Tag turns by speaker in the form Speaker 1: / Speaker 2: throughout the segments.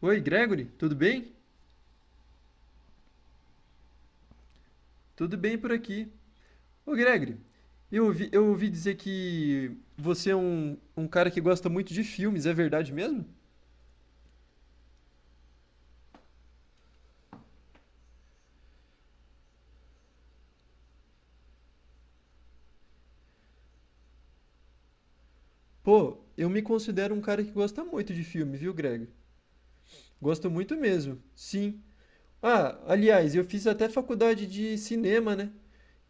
Speaker 1: Oi, Gregory, tudo bem? Tudo bem por aqui. Ô, Gregory, eu ouvi dizer que você é um cara que gosta muito de filmes, é verdade mesmo? Pô, eu me considero um cara que gosta muito de filme, viu, Gregory? Gosto muito mesmo, sim. Ah, aliás, eu fiz até faculdade de cinema, né?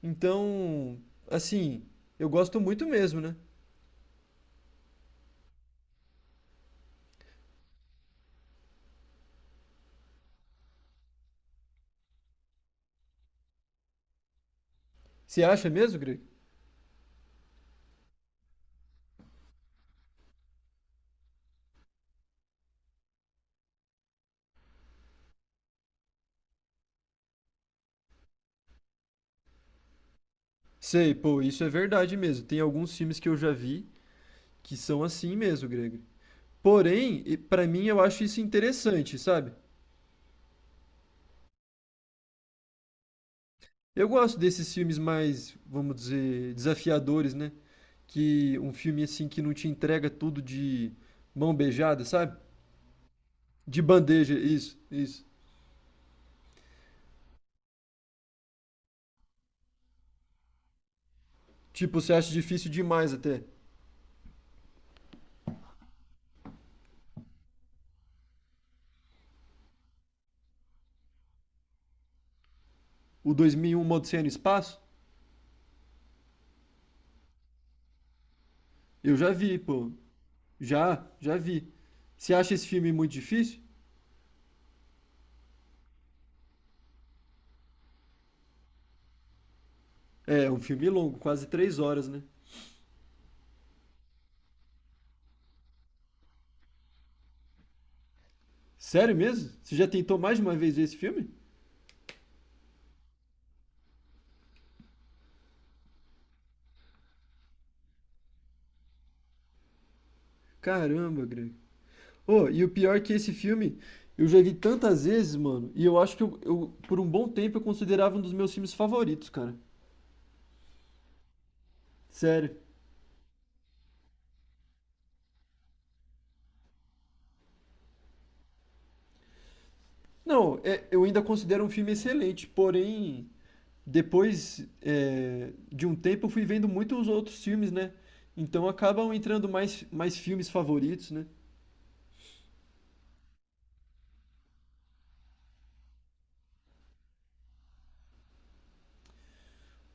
Speaker 1: Então, assim, eu gosto muito mesmo, né? Você acha mesmo, Greg? Sei, pô, isso é verdade mesmo. Tem alguns filmes que eu já vi que são assim mesmo, Greg. Porém, pra mim eu acho isso interessante, sabe? Eu gosto desses filmes mais, vamos dizer, desafiadores, né? Que um filme assim que não te entrega tudo de mão beijada, sabe? De bandeja, isso, isso. Tipo, você acha difícil demais até. O 2001 Uma Odisseia no Espaço? Eu já vi, pô. Já vi. Você acha esse filme muito difícil? É um filme longo, quase 3 horas, né? Sério mesmo? Você já tentou mais de uma vez ver esse filme? Caramba, Greg. Ô, e o pior é que esse filme eu já vi tantas vezes, mano, e eu acho que eu, por um bom tempo, eu considerava um dos meus filmes favoritos, cara. Sério. Não, eu ainda considero um filme excelente. Porém, depois, de um tempo, eu fui vendo muitos outros filmes, né? Então acabam entrando mais filmes favoritos, né?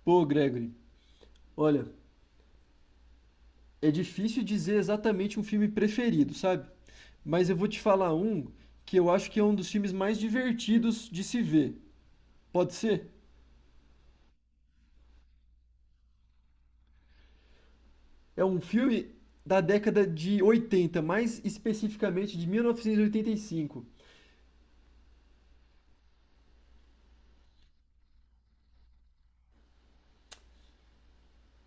Speaker 1: Pô, Gregory, olha, é difícil dizer exatamente um filme preferido, sabe? Mas eu vou te falar um que eu acho que é um dos filmes mais divertidos de se ver. Pode ser? É um filme da década de 80, mais especificamente de 1985.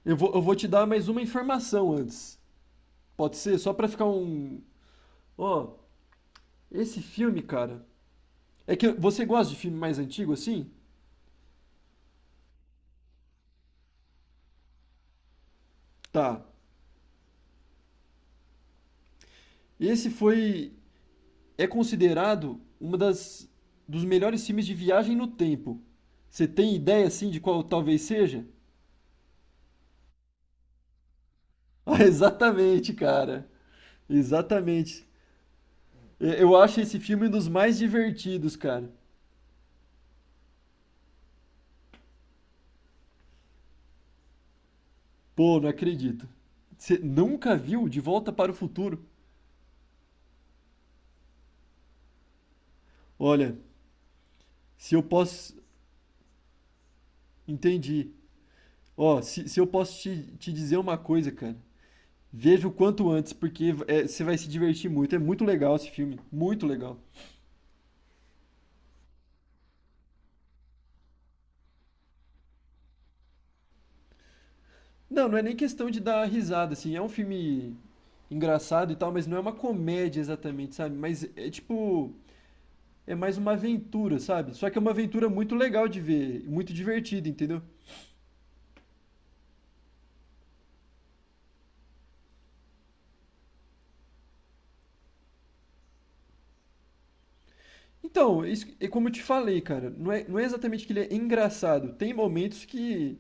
Speaker 1: Eu vou te dar mais uma informação antes. Pode ser? Só pra ficar um. Ó, esse filme, cara. É que você gosta de filme mais antigo assim? Tá. Esse foi. É considerado uma das. Dos melhores filmes de viagem no tempo. Você tem ideia assim de qual talvez seja? Ah, exatamente, cara. Exatamente. É, eu acho esse filme um dos mais divertidos, cara. Pô, não acredito. Você nunca viu De Volta para o Futuro? Olha, se eu posso. Entendi. Ó, se eu posso te dizer uma coisa, cara. Veja o quanto antes, porque você vai se divertir muito. É muito legal esse filme. Muito legal. Não, não é nem questão de dar risada, assim. É um filme engraçado e tal, mas não é uma comédia exatamente, sabe? Mas é tipo. É mais uma aventura, sabe? Só que é uma aventura muito legal de ver, muito divertida, entendeu? Então, é isso, é como eu te falei, cara, não é exatamente que ele é engraçado. Tem momentos que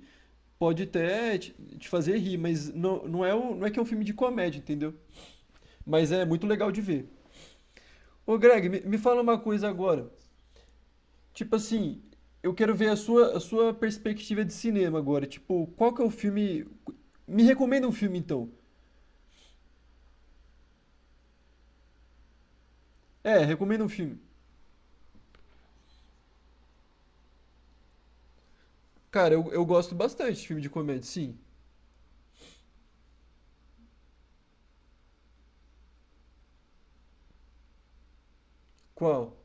Speaker 1: pode até te fazer rir, mas não, não é que é um filme de comédia, entendeu? Mas é muito legal de ver. Ô, Greg, me fala uma coisa agora. Tipo assim, eu quero ver a sua perspectiva de cinema agora. Tipo, qual que é o filme. Me recomenda um filme, então. É, recomenda um filme. Cara, eu gosto bastante de filme de comédia, sim. Qual?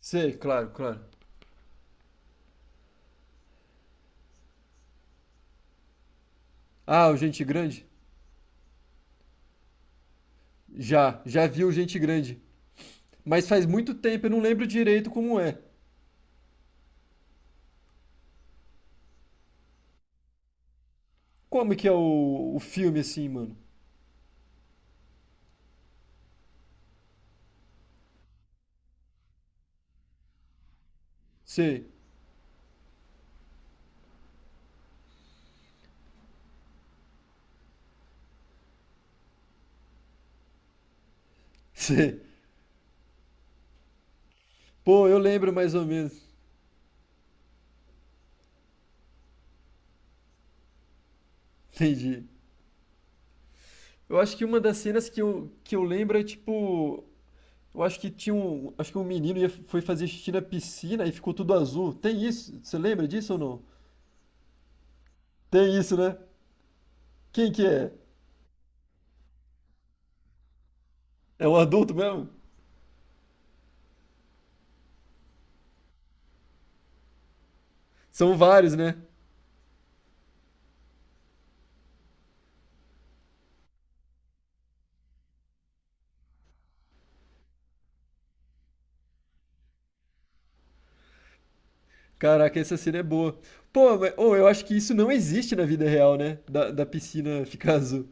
Speaker 1: Sei, claro, claro. Ah, o Gente Grande? Já viu Gente Grande. Mas faz muito tempo, eu não lembro direito como é. Como que é o filme assim, mano? Sei, sei. Pô, eu lembro mais ou menos. Entendi. Eu acho que uma das cenas que eu lembro é tipo. Eu acho que tinha um. Acho que um menino foi fazer xixi na piscina e ficou tudo azul. Tem isso? Você lembra disso ou não? Tem isso, né? Quem que é? É um adulto mesmo? São vários, né? Caraca, essa cena é boa. Pô, mas, ô, eu acho que isso não existe na vida real, né? Da piscina ficar azul.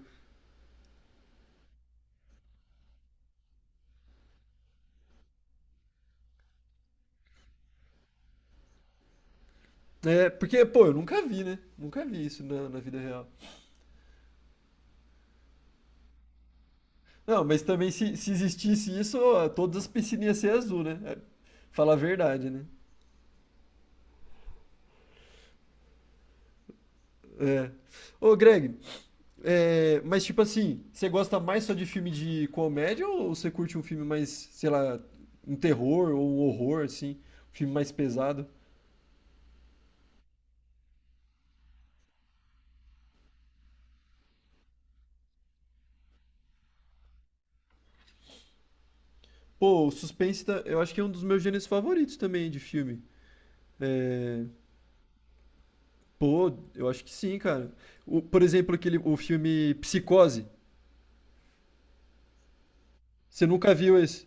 Speaker 1: É, porque, pô, eu nunca vi, né? Nunca vi isso na vida real. Não, mas também se existisse isso, ó, todas as piscinas iam ser azul, né? É, falar a verdade, né? É. Ô, Greg, mas tipo assim, você gosta mais só de filme de comédia ou você curte um filme mais, sei lá, um terror ou um horror, assim? Um filme mais pesado? Pô, o suspense eu acho que é um dos meus gêneros favoritos também de filme. É, pô, eu acho que sim, cara. Por exemplo, aquele, o filme Psicose. Você nunca viu esse?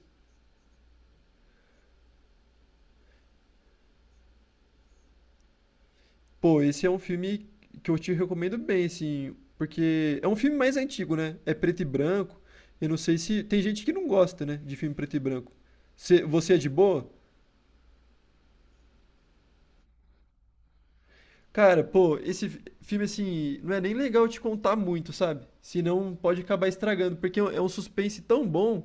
Speaker 1: Pô, esse é um filme que eu te recomendo bem, assim, porque é um filme mais antigo, né? É preto e branco. Eu não sei se. Tem gente que não gosta, né, de filme preto e branco. Você é de boa? Cara, pô, esse filme, assim, não é nem legal te contar muito, sabe? Senão pode acabar estragando, porque é um suspense tão bom,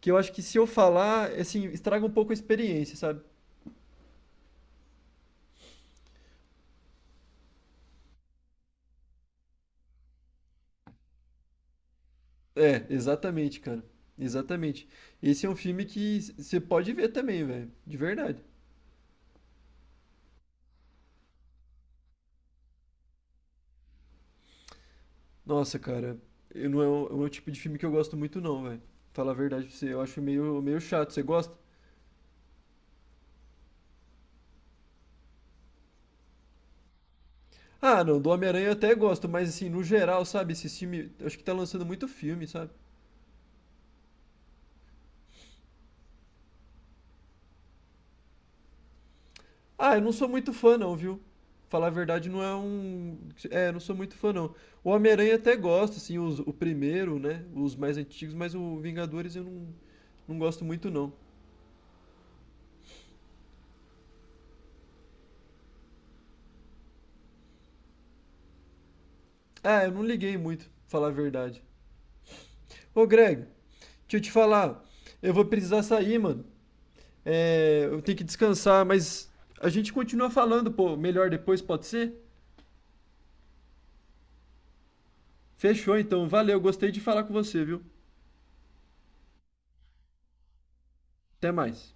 Speaker 1: que eu acho que se eu falar, assim, estraga um pouco a experiência, sabe? É, exatamente, cara. Exatamente. Esse é um filme que você pode ver também, velho. De verdade. Nossa, cara, eu não é o tipo de filme que eu gosto muito, não, velho. Falar a verdade pra você, eu acho meio chato. Você gosta? Ah, não, do Homem-Aranha eu até gosto, mas assim, no geral, sabe? Esse filme, eu acho que tá lançando muito filme, sabe? Ah, eu não sou muito fã não, viu? Falar a verdade não é um... É, eu não sou muito fã não. O Homem-Aranha até gosto, assim, o primeiro, né? Os mais antigos, mas o Vingadores eu não gosto muito não. Ah, eu não liguei muito, falar a verdade. Ô Greg, deixa eu te falar. Eu vou precisar sair, mano. É, eu tenho que descansar, mas a gente continua falando, pô, melhor depois, pode ser? Fechou então, valeu, gostei de falar com você, viu? Até mais.